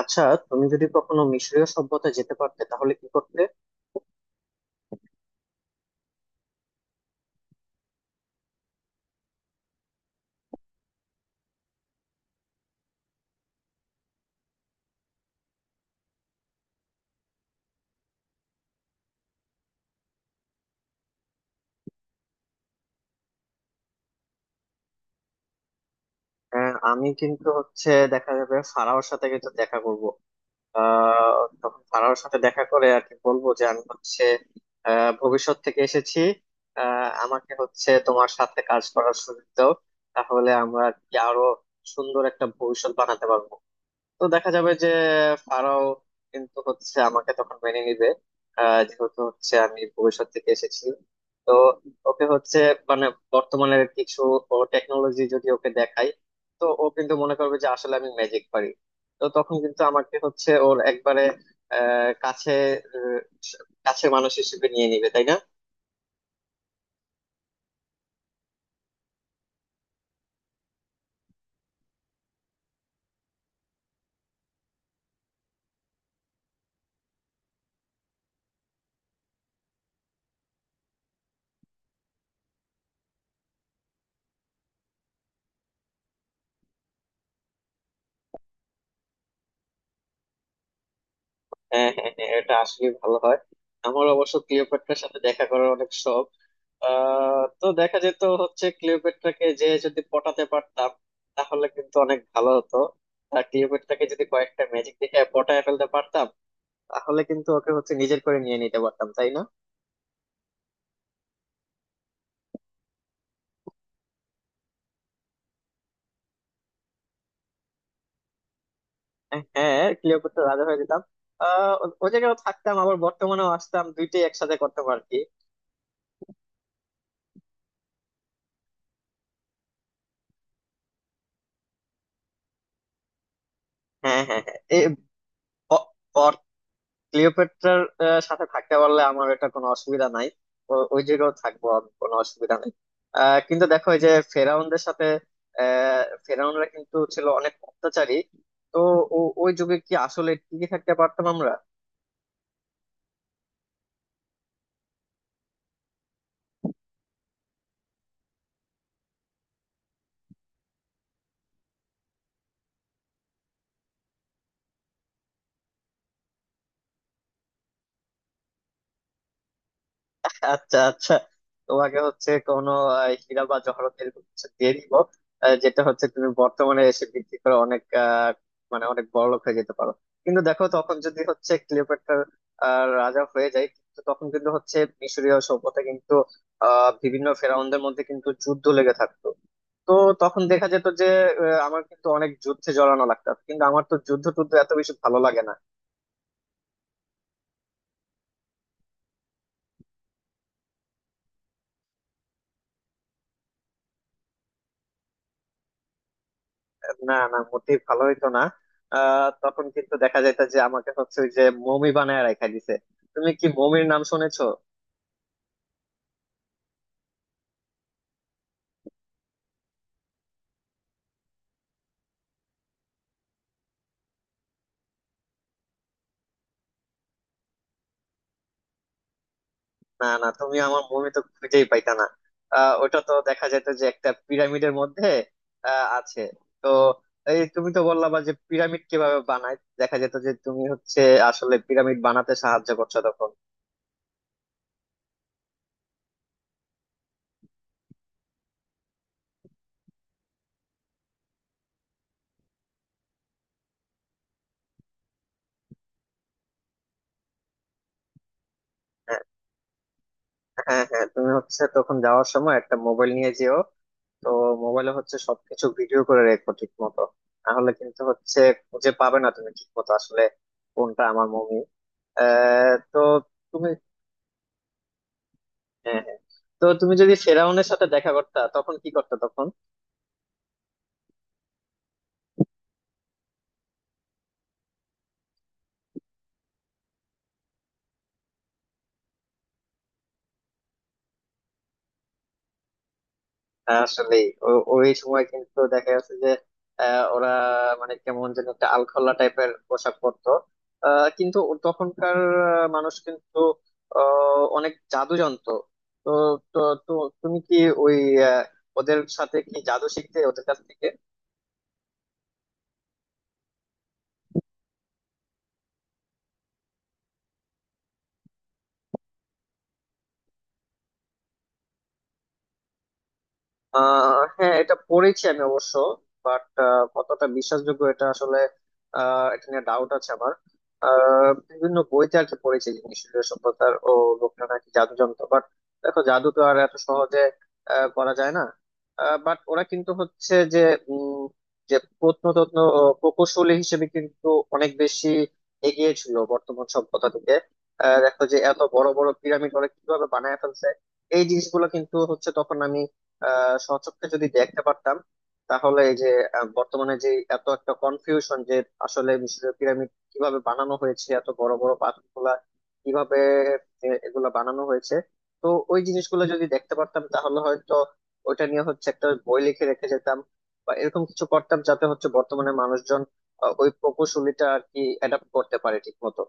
আচ্ছা, তুমি যদি কখনো মিশরীয় সভ্যতা যেতে পারতে তাহলে কি করতে? আমি কিন্তু হচ্ছে দেখা যাবে ফারাওর সাথে কিন্তু দেখা করব। আহ তখন ফারাওর সাথে দেখা করে আর কি বলবো যে আমি হচ্ছে ভবিষ্যৎ থেকে এসেছি। আমাকে হচ্ছে তোমার সাথে কাজ করার সুযোগ দাও, তাহলে আমরা আর কি আরো সুন্দর একটা ভবিষ্যৎ বানাতে পারবো। তো দেখা যাবে যে ফারাও কিন্তু হচ্ছে আমাকে তখন মেনে নিবে, যেহেতু হচ্ছে আমি ভবিষ্যৎ থেকে এসেছি। তো ওকে হচ্ছে মানে বর্তমানের কিছু টেকনোলজি যদি ওকে দেখাই তো ও কিন্তু মনে করবে যে আসলে আমি ম্যাজিক পারি। তো তখন কিন্তু আমাকে হচ্ছে ওর একবারে কাছে, আহ, কাছের মানুষ হিসেবে নিয়ে নিবে, তাই না? হ্যাঁ, হ্যাঁ, হ্যাঁ, এটা আসলে ভালো হয়। আমার অবশ্য ক্লিওপেট্রার সাথে দেখা করার অনেক শখ। তো দেখা যেত হচ্ছে ক্লিওপেট্রাকে যে যদি পটাতে পারতাম তাহলে কিন্তু অনেক ভালো হতো। আর ক্লিওপেট্রাকে যদি কয়েকটা ম্যাজিক দেখে পটায় ফেলতে পারতাম তাহলে কিন্তু ওকে হচ্ছে নিজের করে নিয়ে নিতে পারতাম, তাই না? হ্যাঁ, ক্লিওপেট্রা রাজা হয়ে যেতাম। ও ও জায়গায়ও থাকতাম আবার বর্তমানেও আসতাম, দুইটাই একসাথে করতাম আর কি। হ্যাঁ, হ্যাঁ, হ্যাঁ, এই ক্লিওপেট্রার সাথে থাকতে পারলে আমার এটা কোনো অসুবিধা নাই। ওই জায়গাও থাকবো আমি, কোনো অসুবিধা নাই। কিন্তু দেখো এই যে ফেরাউনদের সাথে, ফেরাউনরা কিন্তু ছিল অনেক অত্যাচারী। তো ওই যুগে কি আসলে টিকে থাকতে পারতাম আমরা? আচ্ছা, আচ্ছা, তোমাকে হচ্ছে কোনো হীরা বা জহরত এরকম কিছু দিয়ে দিব, যেটা হচ্ছে তুমি বর্তমানে এসে বিক্রি করে অনেক মানে অনেক বড়লোক হয়ে যেতে পারো। কিন্তু দেখো তখন যদি হচ্ছে ক্লিওপেট্রার রাজা হয়ে যায়, কিন্তু তখন কিন্তু হচ্ছে মিশরীয় সভ্যতা কিন্তু বিভিন্ন ফেরাউনদের মধ্যে কিন্তু যুদ্ধ লেগে থাকতো। তো তখন দেখা যেত যে আমার কিন্তু অনেক যুদ্ধে জড়ানো লাগতো, কিন্তু আমার তো যুদ্ধ টুদ্ধ এত বেশি ভালো লাগে না। না, না, মোটেই ভালো হইতো না। তখন কিন্তু দেখা যাইতো যে আমাকে হচ্ছে ওই যে মমি বানায় রাখা দিছে। তুমি কি মমির নাম শুনেছো? না, না, তুমি আমার মমি তো খুঁজেই পাইতা না। ওটা তো দেখা যাইতো যে একটা পিরামিডের মধ্যে আছে। তো এই তুমি তো বললা বা যে পিরামিড কিভাবে বানায়, দেখা যেত যে তুমি হচ্ছে আসলে পিরামিড বানাতে সাহায্য করছো তখন। হ্যাঁ, হ্যাঁ, হ্যাঁ, তুমি হচ্ছে তখন যাওয়ার সময় একটা মোবাইল নিয়ে যেও। তো মোবাইলে হচ্ছে সবকিছু ভিডিও করে রেখো ঠিক মতো, তাহলে কিন্তু হচ্ছে খুঁজে পাবে না তুমি ঠিক মতো আসলে কোনটা আমার মুভি। তো তুমি, হ্যাঁ, হ্যাঁ। তো তুমি যদি ফেরাউনের সাথে দেখা করতা তখন কি করতে তখন? আসলে ওই সময় কিন্তু দেখা যাচ্ছে যে ওরা মানে কেমন যেন একটা আলখোল্লা টাইপের পোশাক পরতো। কিন্তু তখনকার মানুষ কিন্তু অনেক জাদু জানতো। তো তো তো তুমি কি ওই আহ, ওদের সাথে কি জাদু শিখতে ওদের কাছ থেকে? হ্যাঁ, এটা পড়েছি আমি অবশ্য, বাট কতটা বিশ্বাসযোগ্য এটা আসলে, এটা নিয়ে ডাউট আছে আমার। বিভিন্ন বইতে আর কি পড়েছি নিঃসঙ্গ সভ্যতার ও লোকটা নাকি জাদু জানতো। বাট দেখো জাদু তো আর এত সহজে করা যায় না। বাট ওরা কিন্তু হচ্ছে যে উম যে প্রত্নতত্ত্ব ও প্রকৌশলী হিসেবে কিন্তু অনেক বেশি এগিয়ে ছিল বর্তমান সভ্যতা থেকে। দেখো যে এত বড় বড় পিরামিড ওরা কিভাবে বানায় ফেলছে, এই জিনিসগুলো কিন্তু হচ্ছে তখন আমি সচক্ষে যদি দেখতে পারতাম, তাহলে এই যে বর্তমানে যে এত একটা কনফিউশন যে আসলে মিশরের পিরামিড কিভাবে বানানো হয়েছে, এত বড় বড় পাথরগুলা কিভাবে এগুলা বানানো হয়েছে, তো ওই জিনিসগুলো যদি দেখতে পারতাম তাহলে হয়তো ওইটা নিয়ে হচ্ছে একটা বই লিখে রেখে যেতাম, বা এরকম কিছু করতাম যাতে হচ্ছে বর্তমানে মানুষজন ওই প্রকৌশলীটা আর কি অ্যাডাপ্ট করতে পারে ঠিক মতো।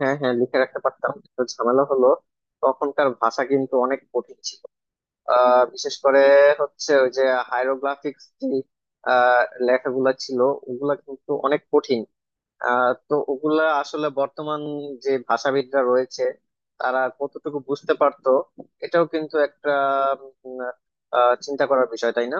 হ্যাঁ, হ্যাঁ, লিখে রাখতে পারতাম কিন্তু ঝামেলা হলো তখনকার ভাষা কিন্তু অনেক কঠিন ছিল। বিশেষ করে হচ্ছে ওই যে হাইরোগ্লিফিক্স যে আহ, লেখাগুলা ছিল ওগুলা কিন্তু অনেক কঠিন। তো ওগুলা আসলে বর্তমান যে ভাষাবিদরা রয়েছে তারা কতটুকু বুঝতে পারতো, এটাও কিন্তু একটা উম, চিন্তা করার বিষয়, তাই না?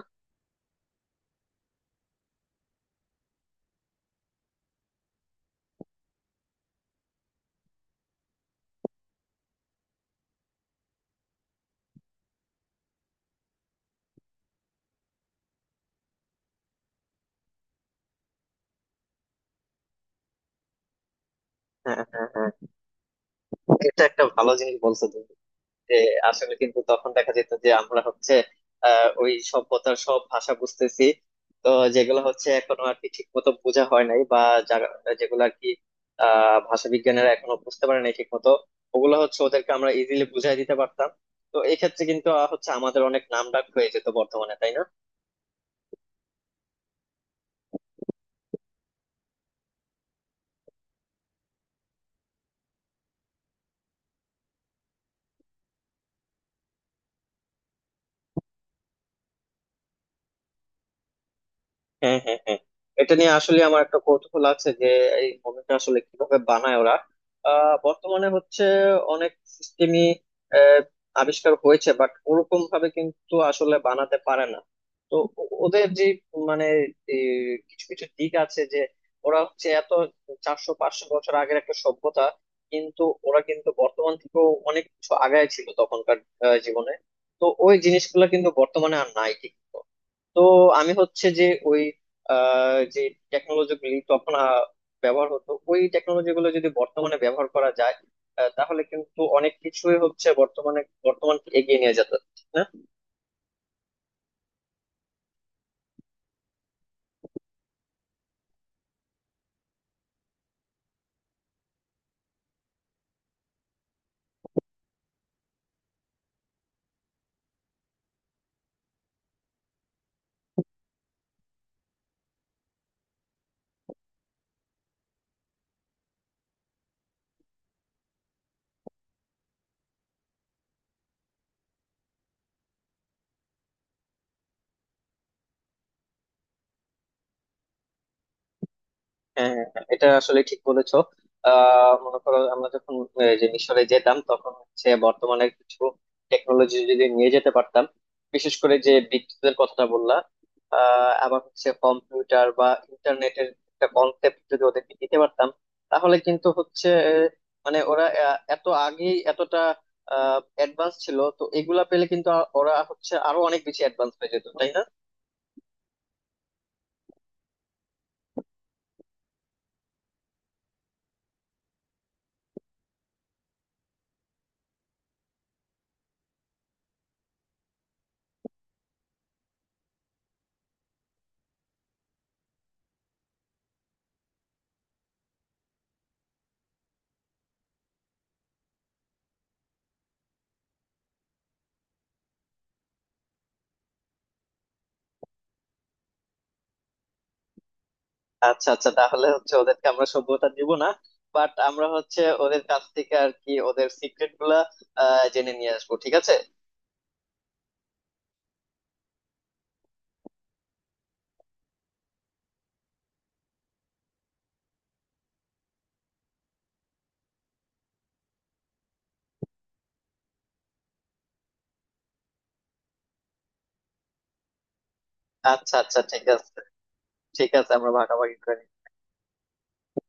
হ্যাঁ, হ্যাঁ, হ্যাঁ, এটা একটা ভালো জিনিস বলছো তুমি, যে আসলে কিন্তু তখন দেখা যেত যে আমরা হচ্ছে ওই সভ্যতার সব ভাষা বুঝতেছি। তো যেগুলো হচ্ছে এখনো আর কি ঠিক মতো বোঝা হয় নাই, বা যারা- যেগুলো আর কি ভাষা বিজ্ঞানীরা এখনো বুঝতে পারে নাই ঠিক মতো, ওগুলো হচ্ছে ওদেরকে আমরা ইজিলি বুঝাই দিতে পারতাম। তো এই ক্ষেত্রে কিন্তু হচ্ছে আমাদের অনেক নাম ডাক হয়ে যেত বর্তমানে, তাই না? হ্যাঁ, হ্যাঁ, হ্যাঁ, এটা নিয়ে আসলে আমার একটা কৌতূহল আছে যে এই মুভিটা আসলে কিভাবে বানায় ওরা। বর্তমানে হচ্ছে অনেক সিস্টেমই আবিষ্কার হয়েছে, বাট ওরকম ভাবে কিন্তু আসলে বানাতে পারে না। তো ওদের যে মানে এই কিছু কিছু দিক আছে যে ওরা হচ্ছে এত 400-500 বছর আগের একটা সভ্যতা, কিন্তু ওরা কিন্তু বর্তমান থেকেও অনেক কিছু আগায় ছিল তখনকার জীবনে। তো ওই জিনিসগুলো কিন্তু বর্তমানে আর নাই ঠিক। তো আমি হচ্ছে যে ওই যে টেকনোলজি গুলি তখন ব্যবহার হতো, ওই টেকনোলজি গুলো যদি বর্তমানে ব্যবহার করা যায় তাহলে কিন্তু অনেক কিছুই হচ্ছে বর্তমানে, বর্তমানকে এগিয়ে নিয়ে যেত, না? হ্যাঁ, হ্যাঁ, হ্যাঁ, এটা আসলে ঠিক বলেছো। মনে করো আমরা যখন যে মিশরে যেতাম তখন হচ্ছে বর্তমানে কিছু টেকনোলজি যদি নিয়ে যেতে পারতাম, বিশেষ করে যে বিদ্যুতের কথাটা বললাম। আবার হচ্ছে কম্পিউটার বা ইন্টারনেটের একটা কনসেপ্ট যদি ওদেরকে দিতে পারতাম, তাহলে কিন্তু হচ্ছে মানে ওরা এত আগেই এতটা অ্যাডভান্স ছিল, তো এগুলা পেলে কিন্তু ওরা হচ্ছে আরো অনেক বেশি অ্যাডভান্স হয়ে যেত, তাই না? আচ্ছা, আচ্ছা, তাহলে হচ্ছে ওদেরকে আমরা সভ্যতা দিব না। বাট আমরা হচ্ছে ওদের কাছ থেকে আর কি ওদের সিক্রেট গুলা জেনে নিয়ে আসবো, ঠিক আছে। আচ্ছা, আচ্ছা, ঠিক আছে। ঠিক আছে, আমরা ভাগাভাগি করে